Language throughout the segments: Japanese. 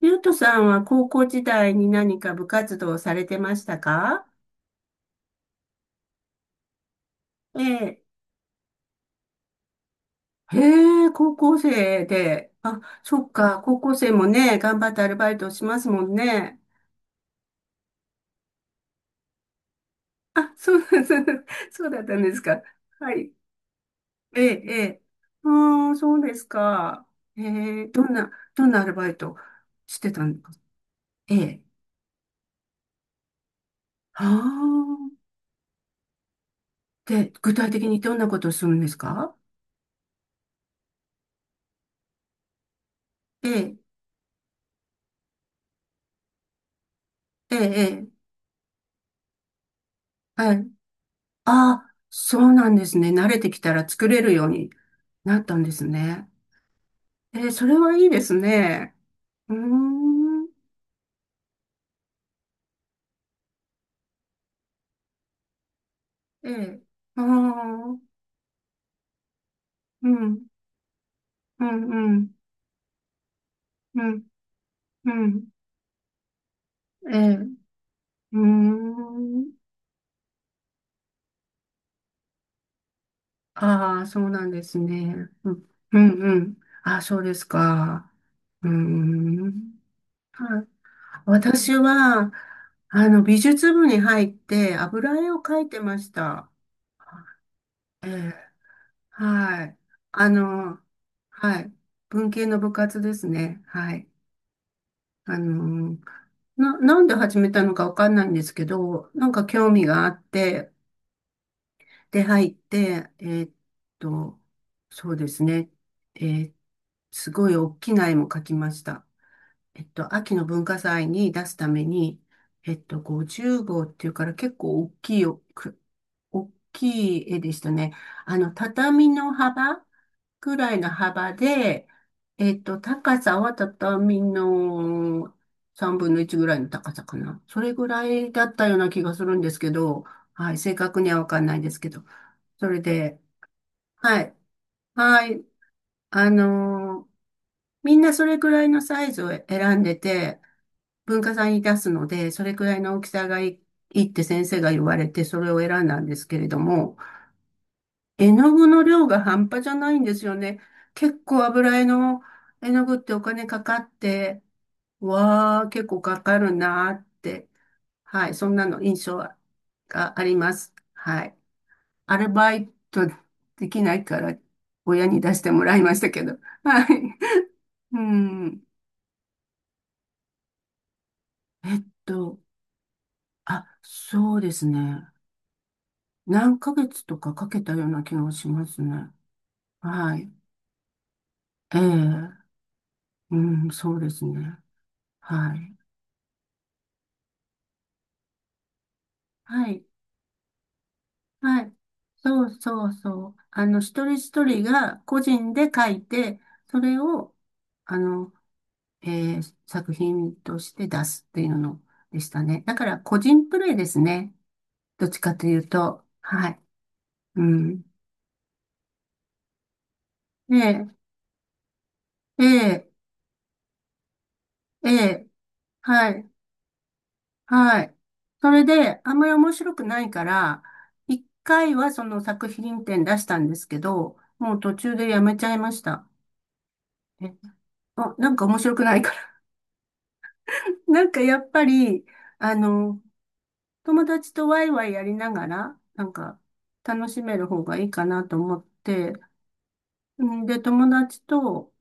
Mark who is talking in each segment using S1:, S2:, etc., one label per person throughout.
S1: ゆうとさんは高校時代に何か部活動をされてましたか？ええ。へえ、高校生で。あ、そっか、高校生もね、頑張ってアルバイトをしますもんね。あ、そうなんです。そうだったんですか？はい。ええ、ええ。うーん、そうですか。ええ、どんなアルバイトしてたんですか？ええ。はあ。で、具体的にどんなことをするんですか？ええ、ええ、ええ。はい。ああ、そうなんですね。慣れてきたら作れるようになったんですね。それはいいですね。うーん。ええ。ああ、うん、うん、うん、うん、うん。ええ、うーん。ああ、そうなんですね。うん、うん、うん。ああ、そうですか。うーん。はい。私は、美術部に入って油絵を描いてました。ええ。はい。あの、はい。文系の部活ですね。はい。あの、なんで始めたのかわかんないんですけど、なんか興味があって、で、入って、と、そうですね。えーすごい大きな絵も描きました。秋の文化祭に出すために、50号っていうから結構大きいよ、大きい絵でしたね。畳の幅くらいの幅で、高さは畳の3分の1ぐらいの高さかな。それぐらいだったような気がするんですけど、はい、正確にはわかんないですけど。それで、はい、はい、あのーみんなそれぐらいのサイズを選んでて、文化祭に出すので、それくらいの大きさがいい、いいって先生が言われて、それを選んだんですけれども、絵の具の量が半端じゃないんですよね。結構油絵の絵の具ってお金かかって、わあ、結構かかるなーって、はい、そんなの印象があります。はい。アルバイトできないから、親に出してもらいましたけど。はい。うん。えっと、あ、そうですね。何ヶ月とかかけたような気がしますね。はい。ええ。うん、そうですね。はい。はい。はい。そうそうそう。一人一人が個人で書いて、それを、あの、作品として出すっていうのでしたね。だから個人プレイですね。どっちかというと。はい。うん。ええ、ええ、ええ、はい。はい。それで、あんまり面白くないから、一回はその作品展出したんですけど、もう途中でやめちゃいました。えあ、なんか面白くないから。なんかやっぱり、あの、友達とワイワイやりながら、なんか楽しめる方がいいかなと思って、んで、友達と、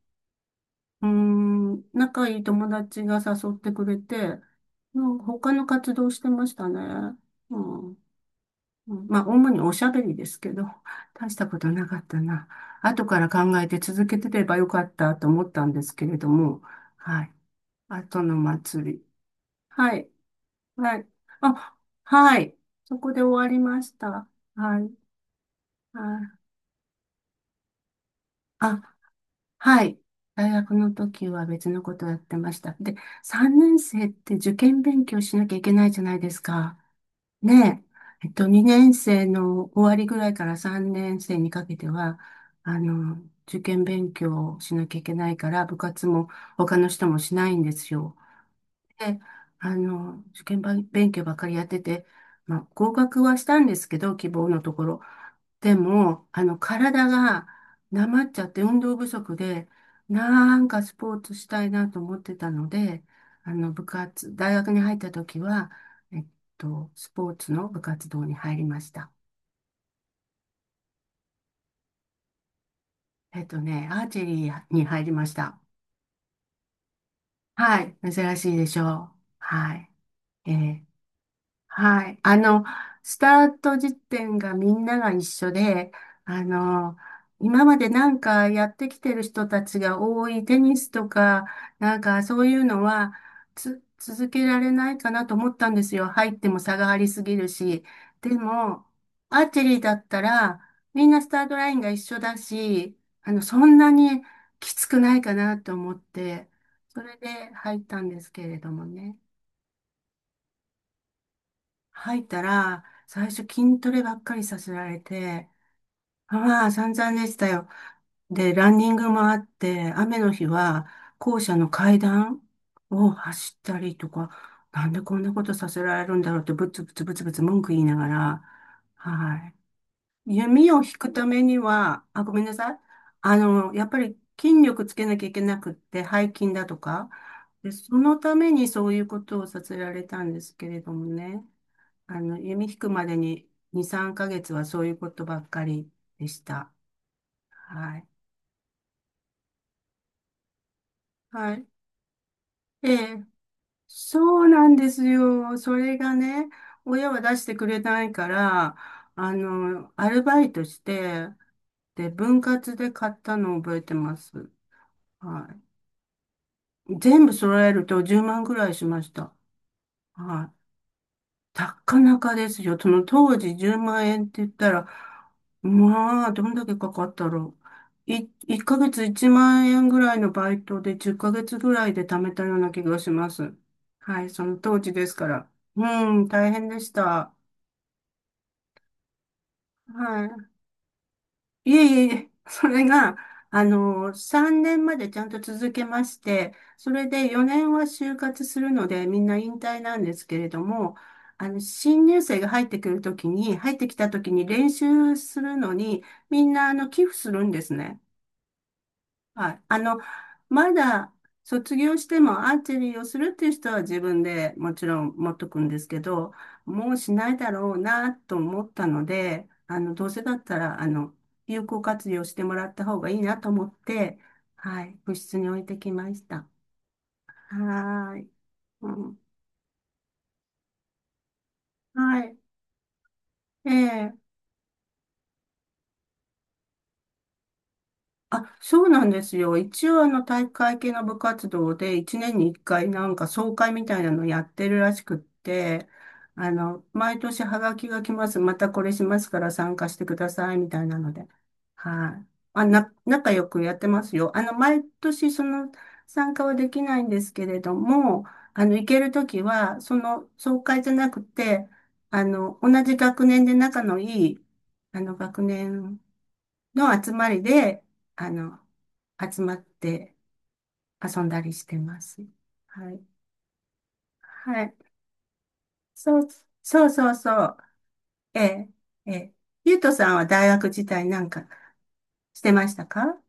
S1: 仲いい友達が誘ってくれて、うん、他の活動してましたね。うん。まあ、主におしゃべりですけど、大したことなかったな。後から考えて続けてればよかったと思ったんですけれども、はい。後の祭り。はい。はい。あ、はい。そこで終わりました。はい。はい。あ、はい。大学の時は別のことをやってました。で、3年生って受験勉強しなきゃいけないじゃないですか。ねえ、2年生の終わりぐらいから3年生にかけては、受験勉強をしなきゃいけないから、部活も他の人もしないんですよ。で、受験ば勉強ばっかりやってて、まあ、合格はしたんですけど、希望のところ。でも、体がなまっちゃって運動不足で、なんかスポーツしたいなと思ってたので、部活、大学に入った時は、えっスポーツの部活動に入りました。ね、アーチェリーに入りました。はい、珍しいでしょう。はい。えーはい。スタート時点がみんなが一緒で、あの、今までなんかやってきてる人たちが多いテニスとか、なんかそういうのは続けられないかなと思ったんですよ。入っても差がありすぎるし。でも、アーチェリーだったら、みんなスタートラインが一緒だし、そんなにきつくないかなと思って、それで入ったんですけれどもね。入ったら、最初筋トレばっかりさせられて、まあ散々でしたよ。で、ランニングもあって、雨の日は校舎の階段を走ったりとか、なんでこんなことさせられるんだろうってブツブツブツブツ文句言いながら、はい。弓を引くためには、あ、ごめんなさい。やっぱり筋力つけなきゃいけなくって、背筋だとか、で、そのためにそういうことをさせられたんですけれどもね。弓引くまでに2、3ヶ月はそういうことばっかりでした。はい。はい。ええ、そうなんですよ。それがね、親は出してくれないから、アルバイトして、で、分割で買ったのを覚えてます。はい。全部揃えると10万ぐらいしました。はい。なかなかですよ。その当時10万円って言ったら、まあ、どんだけかかったろう。1ヶ月1万円ぐらいのバイトで10ヶ月ぐらいで貯めたような気がします。はい、その当時ですから。うん、大変でした。はい。いえいえいえ、それが、3年までちゃんと続けまして、それで4年は就活するので、みんな引退なんですけれども、新入生が入ってきたときに練習するのに、みんな、寄付するんですね。はい。まだ卒業してもアーチェリーをするっていう人は自分でもちろん持っとくんですけど、もうしないだろうなと思ったので、どうせだったら、有効活用してもらった方がいいなと思って、はい、部室に置いてきました。はーい。うん、はい。ええ。あ、そうなんですよ。一応体育会系の部活動で一年に一回なんか総会みたいなのやってるらしくって、毎年ハガキが来ます。またこれしますから参加してくださいみたいなので。はい。あ、仲良くやってますよ。毎年その参加はできないんですけれども、行けるときは、その総会じゃなくて、同じ学年で仲のいい、学年の集まりで、あの、集まって遊んだりしてます。はい。はい。そう、そうそうそう。ええ、ええ。ゆうとさんは大学時代なんかしてましたか？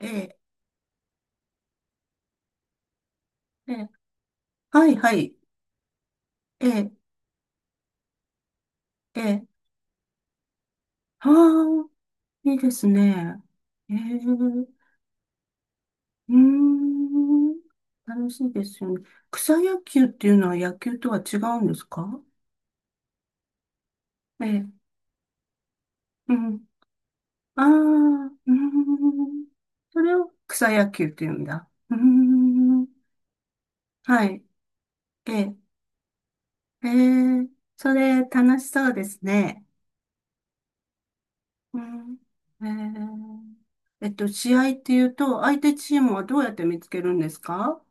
S1: ええ、ええ。はい、はい。ええ、ええ。はあ、いいですね。ええ、うーん。楽しいですよね。草野球っていうのは野球とは違うんですか？ええ、うん。ああ、うーん。それを草野球って言うんだ。うーん。はい。ええ、ええ、それ楽しそうですね。うん。ええ、試合っていうと、相手チームはどうやって見つけるんですか？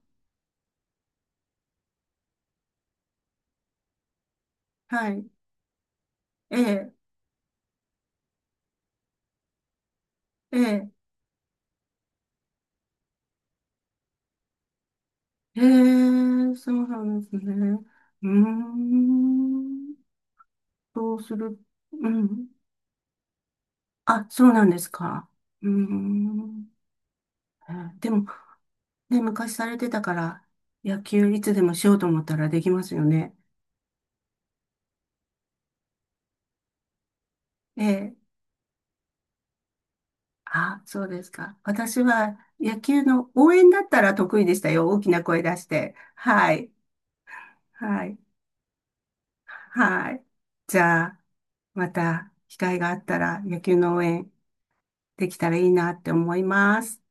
S1: はい。ええ、ええ、ええ、そうなんですね。うーん。そうする。うん。あ、そうなんですか。うーん。ええ。でもね、昔されてたから、野球いつでもしようと思ったらできますよね。ええ。あ、そうですか。私は野球の応援だったら得意でしたよ。大きな声出して。はい。はい。はい。じゃあ、また機会があったら野球の応援できたらいいなって思います。